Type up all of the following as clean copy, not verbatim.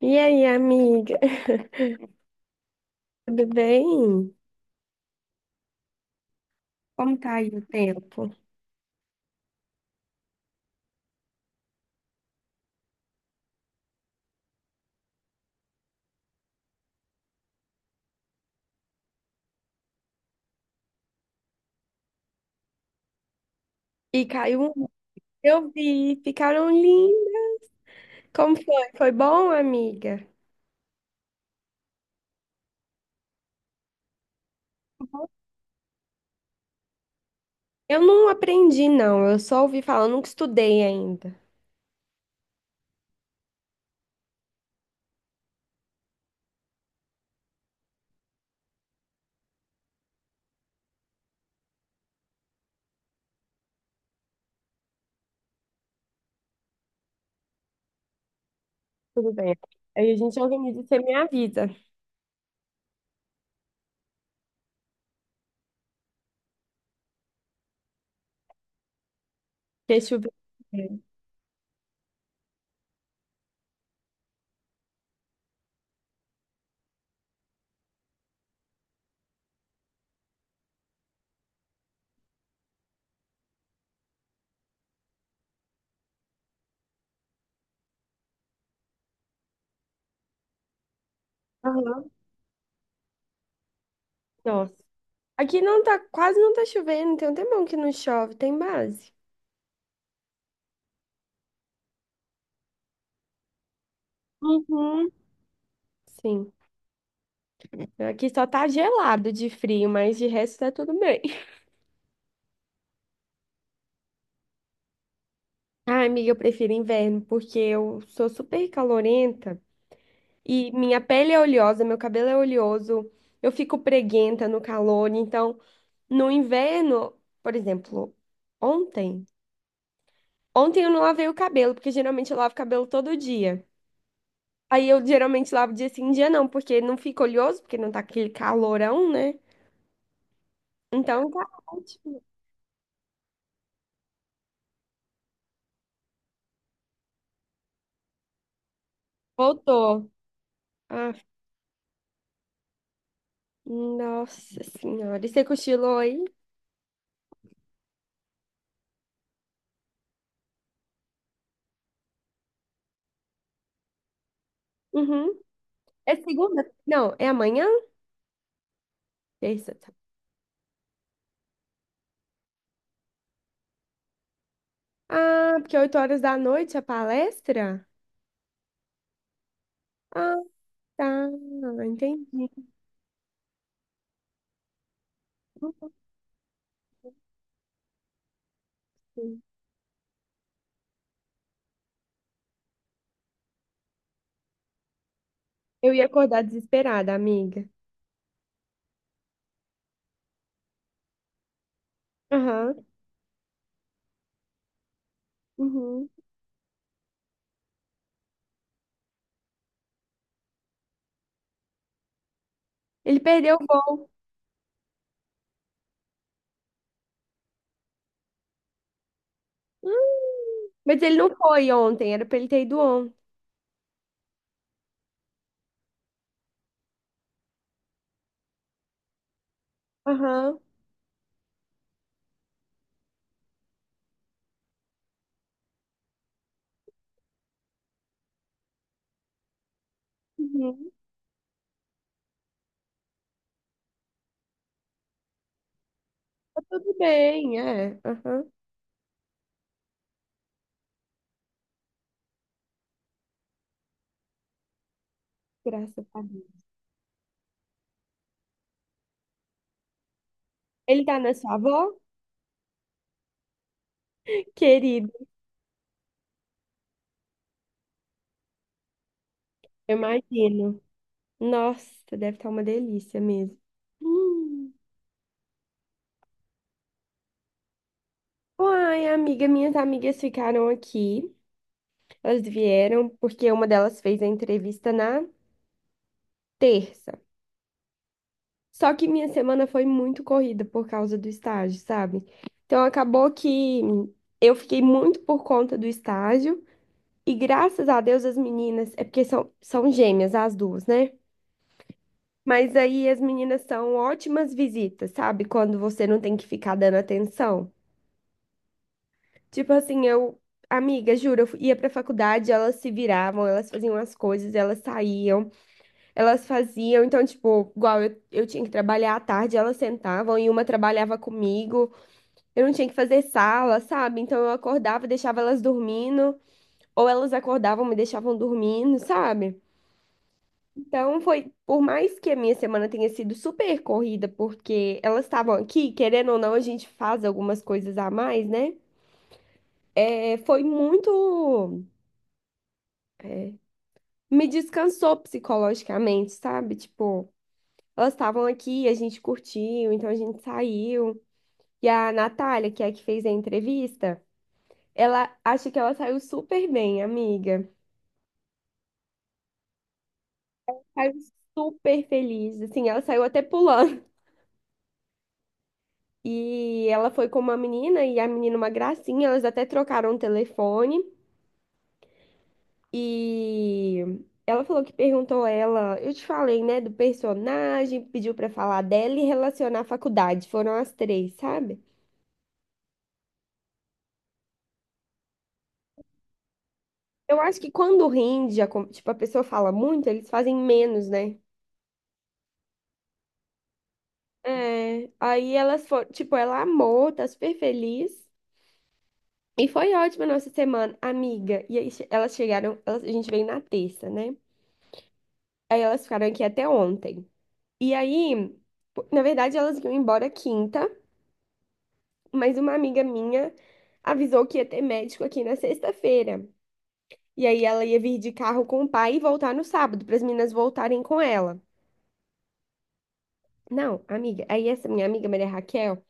E aí, amiga? Tudo bem? Como tá aí o tempo? E caiu um. Eu vi, ficaram lindas. Como foi? Foi bom, amiga? Eu não aprendi, não. Eu só ouvi falar, eu nunca estudei ainda. Tudo bem. Aí a gente organiza, você me avisa. Que choveu. Aham. Nossa. Aqui não tá, quase não tá chovendo, tem um tempão que não chove, tem base. Uhum. Sim. Aqui só tá gelado de frio, mas de resto tá tudo bem. Ah, amiga, eu prefiro inverno, porque eu sou super calorenta e minha pele é oleosa, meu cabelo é oleoso, eu fico preguenta no calor. Então, no inverno, por exemplo, ontem, eu não lavei o cabelo, porque geralmente eu lavo o cabelo todo dia. Aí eu geralmente lavo dia sim, dia não, porque não fica oleoso, porque não tá aquele calorão, né? Então tá ótimo. Voltou. Ah, nossa senhora. E você cochilou aí? Uhum. É segunda? Não, é amanhã? Terça. Tá. Ah, porque 8 horas da noite a palestra? Ah, tá. Entendi. Eu ia acordar desesperada, amiga. Aham. Uhum. Ele perdeu o voo. Hum, Mas ele não foi ontem, era pra ele ter ido ontem. Aham. Uhum. Tá tudo bem, é. Aham. Graças a Deus. Ele tá na sua avó? Querido, eu imagino. Nossa, deve estar uma delícia mesmo. Hum. Uai, amiga, minhas amigas ficaram aqui. Elas vieram porque uma delas fez a entrevista na terça. Só que minha semana foi muito corrida por causa do estágio, sabe? Então acabou que eu fiquei muito por conta do estágio. E graças a Deus as meninas, é porque são, são gêmeas as duas, né? Mas aí as meninas são ótimas visitas, sabe? Quando você não tem que ficar dando atenção. Tipo assim, eu, amiga, juro, ia pra faculdade, elas se viravam, elas faziam as coisas, elas saíam. Elas faziam, então, tipo, igual eu, tinha que trabalhar à tarde, elas sentavam e uma trabalhava comigo. Eu não tinha que fazer sala, sabe? Então eu acordava, e deixava elas dormindo, ou elas acordavam, e me deixavam dormindo, sabe? Então foi, por mais que a minha semana tenha sido super corrida, porque elas estavam aqui, querendo ou não, a gente faz algumas coisas a mais, né? É, foi muito. É, me descansou psicologicamente, sabe? Tipo. Elas estavam aqui, a gente curtiu, então a gente saiu. E a Natália, que é a que fez a entrevista, ela acha que ela saiu super bem, amiga. Saiu super feliz, assim, ela saiu até pulando. E ela foi com uma menina e a menina uma gracinha, elas até trocaram o telefone e ela falou que perguntou ela, eu te falei, né, do personagem, pediu pra falar dela e relacionar a faculdade. Foram as três, sabe? Eu acho que quando rende, tipo, a pessoa fala muito, eles fazem menos, né? É, aí elas foram, tipo, ela amou, tá super feliz. E foi ótima a nossa semana, amiga. E aí elas chegaram, elas- a gente veio na terça, né? Aí elas ficaram aqui até ontem. E aí, pô, na verdade, elas iam embora quinta, mas uma amiga minha avisou que ia ter médico aqui na sexta-feira. E aí ela ia vir de carro com o pai e voltar no sábado, para as meninas voltarem com ela. Não, amiga, aí essa minha amiga Maria Raquel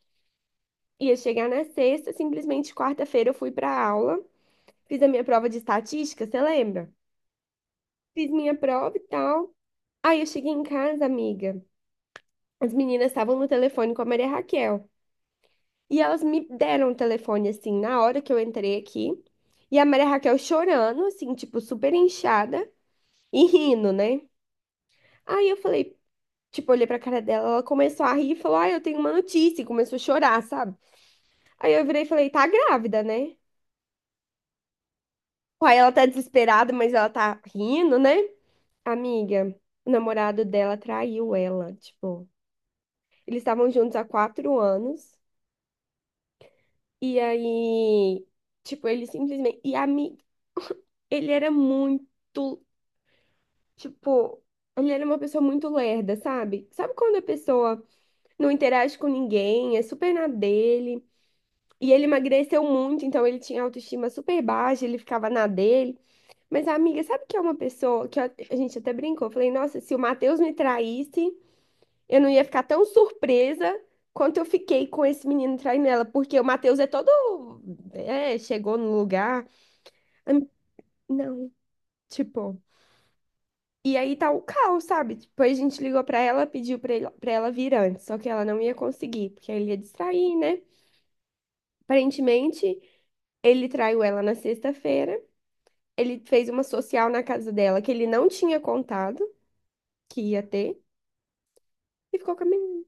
ia chegar na sexta, simplesmente quarta-feira eu fui pra aula. Fiz a minha prova de estatística, você lembra? Fiz minha prova e tal. Aí eu cheguei em casa, amiga. As meninas estavam no telefone com a Maria Raquel. E elas me deram o telefone, assim, na hora que eu entrei aqui. E a Maria Raquel chorando, assim, tipo, super inchada e rindo, né? Aí eu falei, tipo, olhei pra cara dela, ela começou a rir e falou, ah, eu tenho uma notícia. E começou a chorar, sabe? Aí eu virei e falei, tá grávida, né? Aí ela tá desesperada, mas ela tá rindo, né? Amiga, o namorado dela traiu ela, tipo, eles estavam juntos há 4 anos, e aí, tipo, ele simplesmente, e a mi... ele era muito, tipo, ele era uma pessoa muito lerda, sabe? Sabe quando a pessoa não interage com ninguém, é super na dele, e ele emagreceu muito, então ele tinha autoestima super baixa, ele ficava na dele, mas amiga, sabe que é uma pessoa que a gente até brincou, eu falei, nossa, se o Matheus me traísse... Eu não ia ficar tão surpresa quanto eu fiquei com esse menino traindo ela, porque o Matheus é todo. É, chegou no lugar. am- Não, tipo. E aí tá o caos, sabe? Depois a gente ligou pra ela, pediu pra, ele, pra ela vir antes, só que ela não ia conseguir, porque ele ia distrair, né? Aparentemente, ele traiu ela na sexta-feira. Ele fez uma social na casa dela que ele não tinha contado que ia ter e ficou com a menina.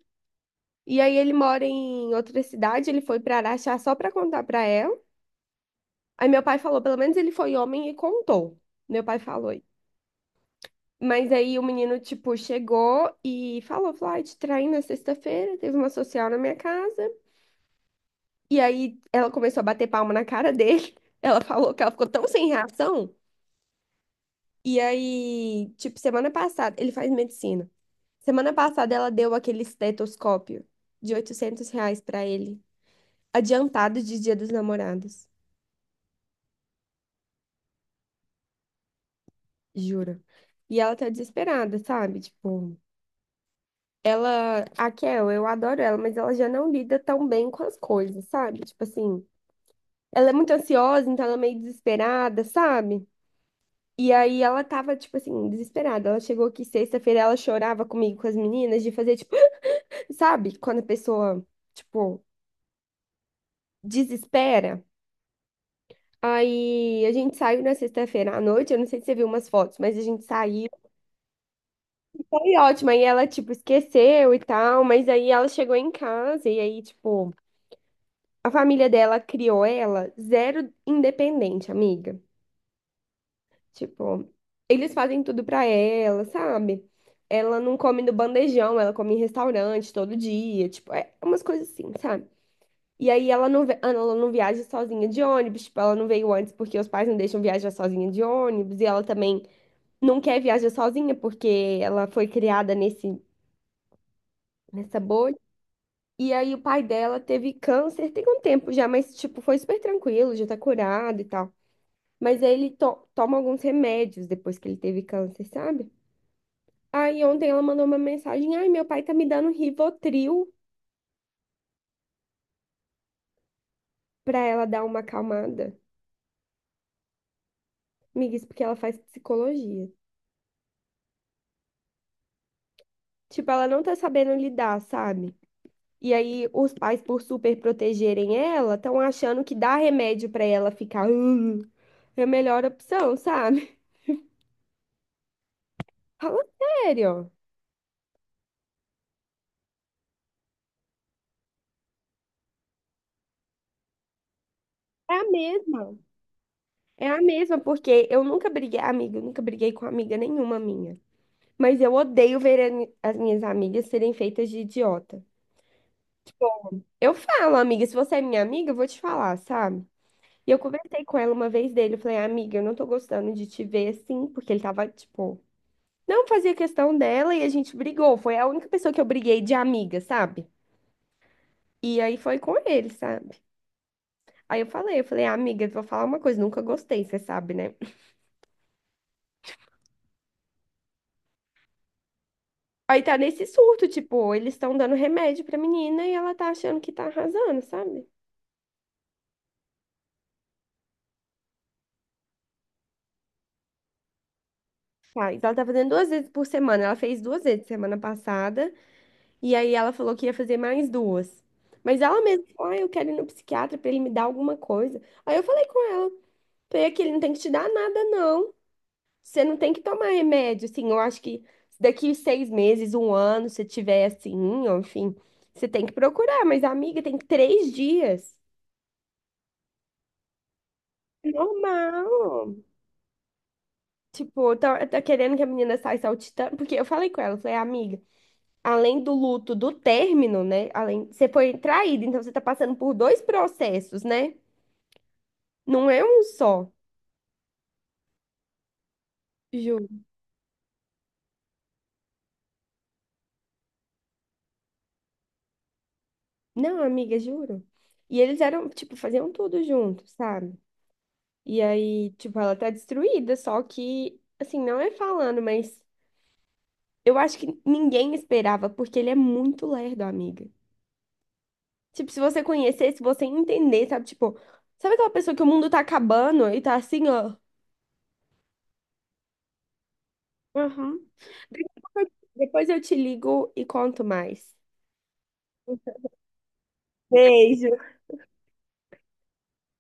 E aí ele mora em outra cidade, ele foi pra Araxá só pra contar pra ela. Aí meu pai falou, pelo menos ele foi homem e contou. Meu pai falou. Isso. Mas aí o menino, tipo, chegou e falou, falou, ai, te traí na sexta-feira, teve uma social na minha casa. E aí ela começou a bater palma na cara dele. Ela falou que ela ficou tão sem reação. E aí, tipo, semana passada, ele faz medicina. Semana passada ela deu aquele estetoscópio de R$ 800 pra ele, adiantado de Dia dos Namorados, juro. E ela tá desesperada, sabe? Tipo. Ela, a Kel, eu adoro ela, mas ela já não lida tão bem com as coisas, sabe? Tipo assim, ela é muito ansiosa, então ela é meio desesperada, sabe? E aí ela tava, tipo assim, desesperada. Ela chegou aqui sexta-feira, ela chorava comigo, com as meninas, de fazer, tipo, sabe? Quando a pessoa, tipo, desespera. Aí a gente saiu na sexta-feira à noite, eu não sei se você viu umas fotos, mas a gente saiu. Foi ótimo, aí ela, tipo, esqueceu e tal, mas aí ela chegou em casa e aí, tipo. A família dela criou ela zero independente, amiga. Tipo, eles fazem tudo pra ela, sabe? Ela não come no bandejão, ela come em restaurante todo dia, tipo, é umas coisas assim, sabe? E aí ela não, ela não viaja sozinha de ônibus, tipo, ela não veio antes porque os pais não deixam viajar sozinha de ônibus, e ela também não quer viajar sozinha porque ela foi criada nessa bolha. E aí o pai dela teve câncer, tem um tempo já, mas tipo, foi super tranquilo, já tá curado e tal. Mas aí toma alguns remédios depois que ele teve câncer, sabe? Aí ontem ela mandou uma mensagem: Ai, meu pai tá me dando Rivotril pra ela dar uma acalmada. Amiga, isso porque ela faz psicologia. Tipo, ela não tá sabendo lidar, sabe? E aí os pais, por super protegerem ela, estão achando que dar remédio pra ela ficar é a melhor opção, sabe? Fala sério. É a mesma. É a mesma, porque eu nunca briguei, amiga, eu nunca briguei com amiga nenhuma minha. Mas eu odeio ver as minhas amigas serem feitas de idiota. Eu falo, amiga, se você é minha amiga, eu vou te falar, sabe? E eu conversei com ela uma vez dele, eu falei, amiga, eu não tô gostando de te ver assim, porque ele tava, tipo, não fazia questão dela e a gente brigou. Foi a única pessoa que eu briguei de amiga, sabe? E aí foi com ele, sabe? Aí eu falei, amiga, vou falar uma coisa, nunca gostei, você sabe, né? Aí tá nesse surto, tipo, eles estão dando remédio pra menina e ela tá achando que tá arrasando, sabe? Tá, então ela tá fazendo duas vezes por semana. Ela fez duas vezes semana passada. E aí ela falou que ia fazer mais duas. Mas ela mesma falou, ah, eu quero ir no psiquiatra pra ele me dar alguma coisa. Aí eu falei com ela, falei que ele não tem que te dar nada, não. Você não tem que tomar remédio, assim. Eu acho que daqui 6 meses, um ano, se tiver assim, ou enfim, você tem que procurar. Mas, amiga, tem 3 dias. Normal. Tipo, tá, tá querendo que a menina saia saltitando. Porque eu falei com ela, falei, amiga. Além do luto do término, né? Além, você foi traída, então você tá passando por dois processos, né? Não é um só. Juro. Não, amiga, juro. E eles eram, tipo, faziam tudo junto, sabe? E aí, tipo, ela tá destruída, só que, assim, não é falando, mas eu acho que ninguém esperava, porque ele é muito lerdo, amiga. Tipo, se você conhecesse, se você entender, sabe? Tipo, sabe aquela pessoa que o mundo tá acabando e tá assim, ó. Uhum. Depois eu depois eu te ligo e conto mais. Beijo.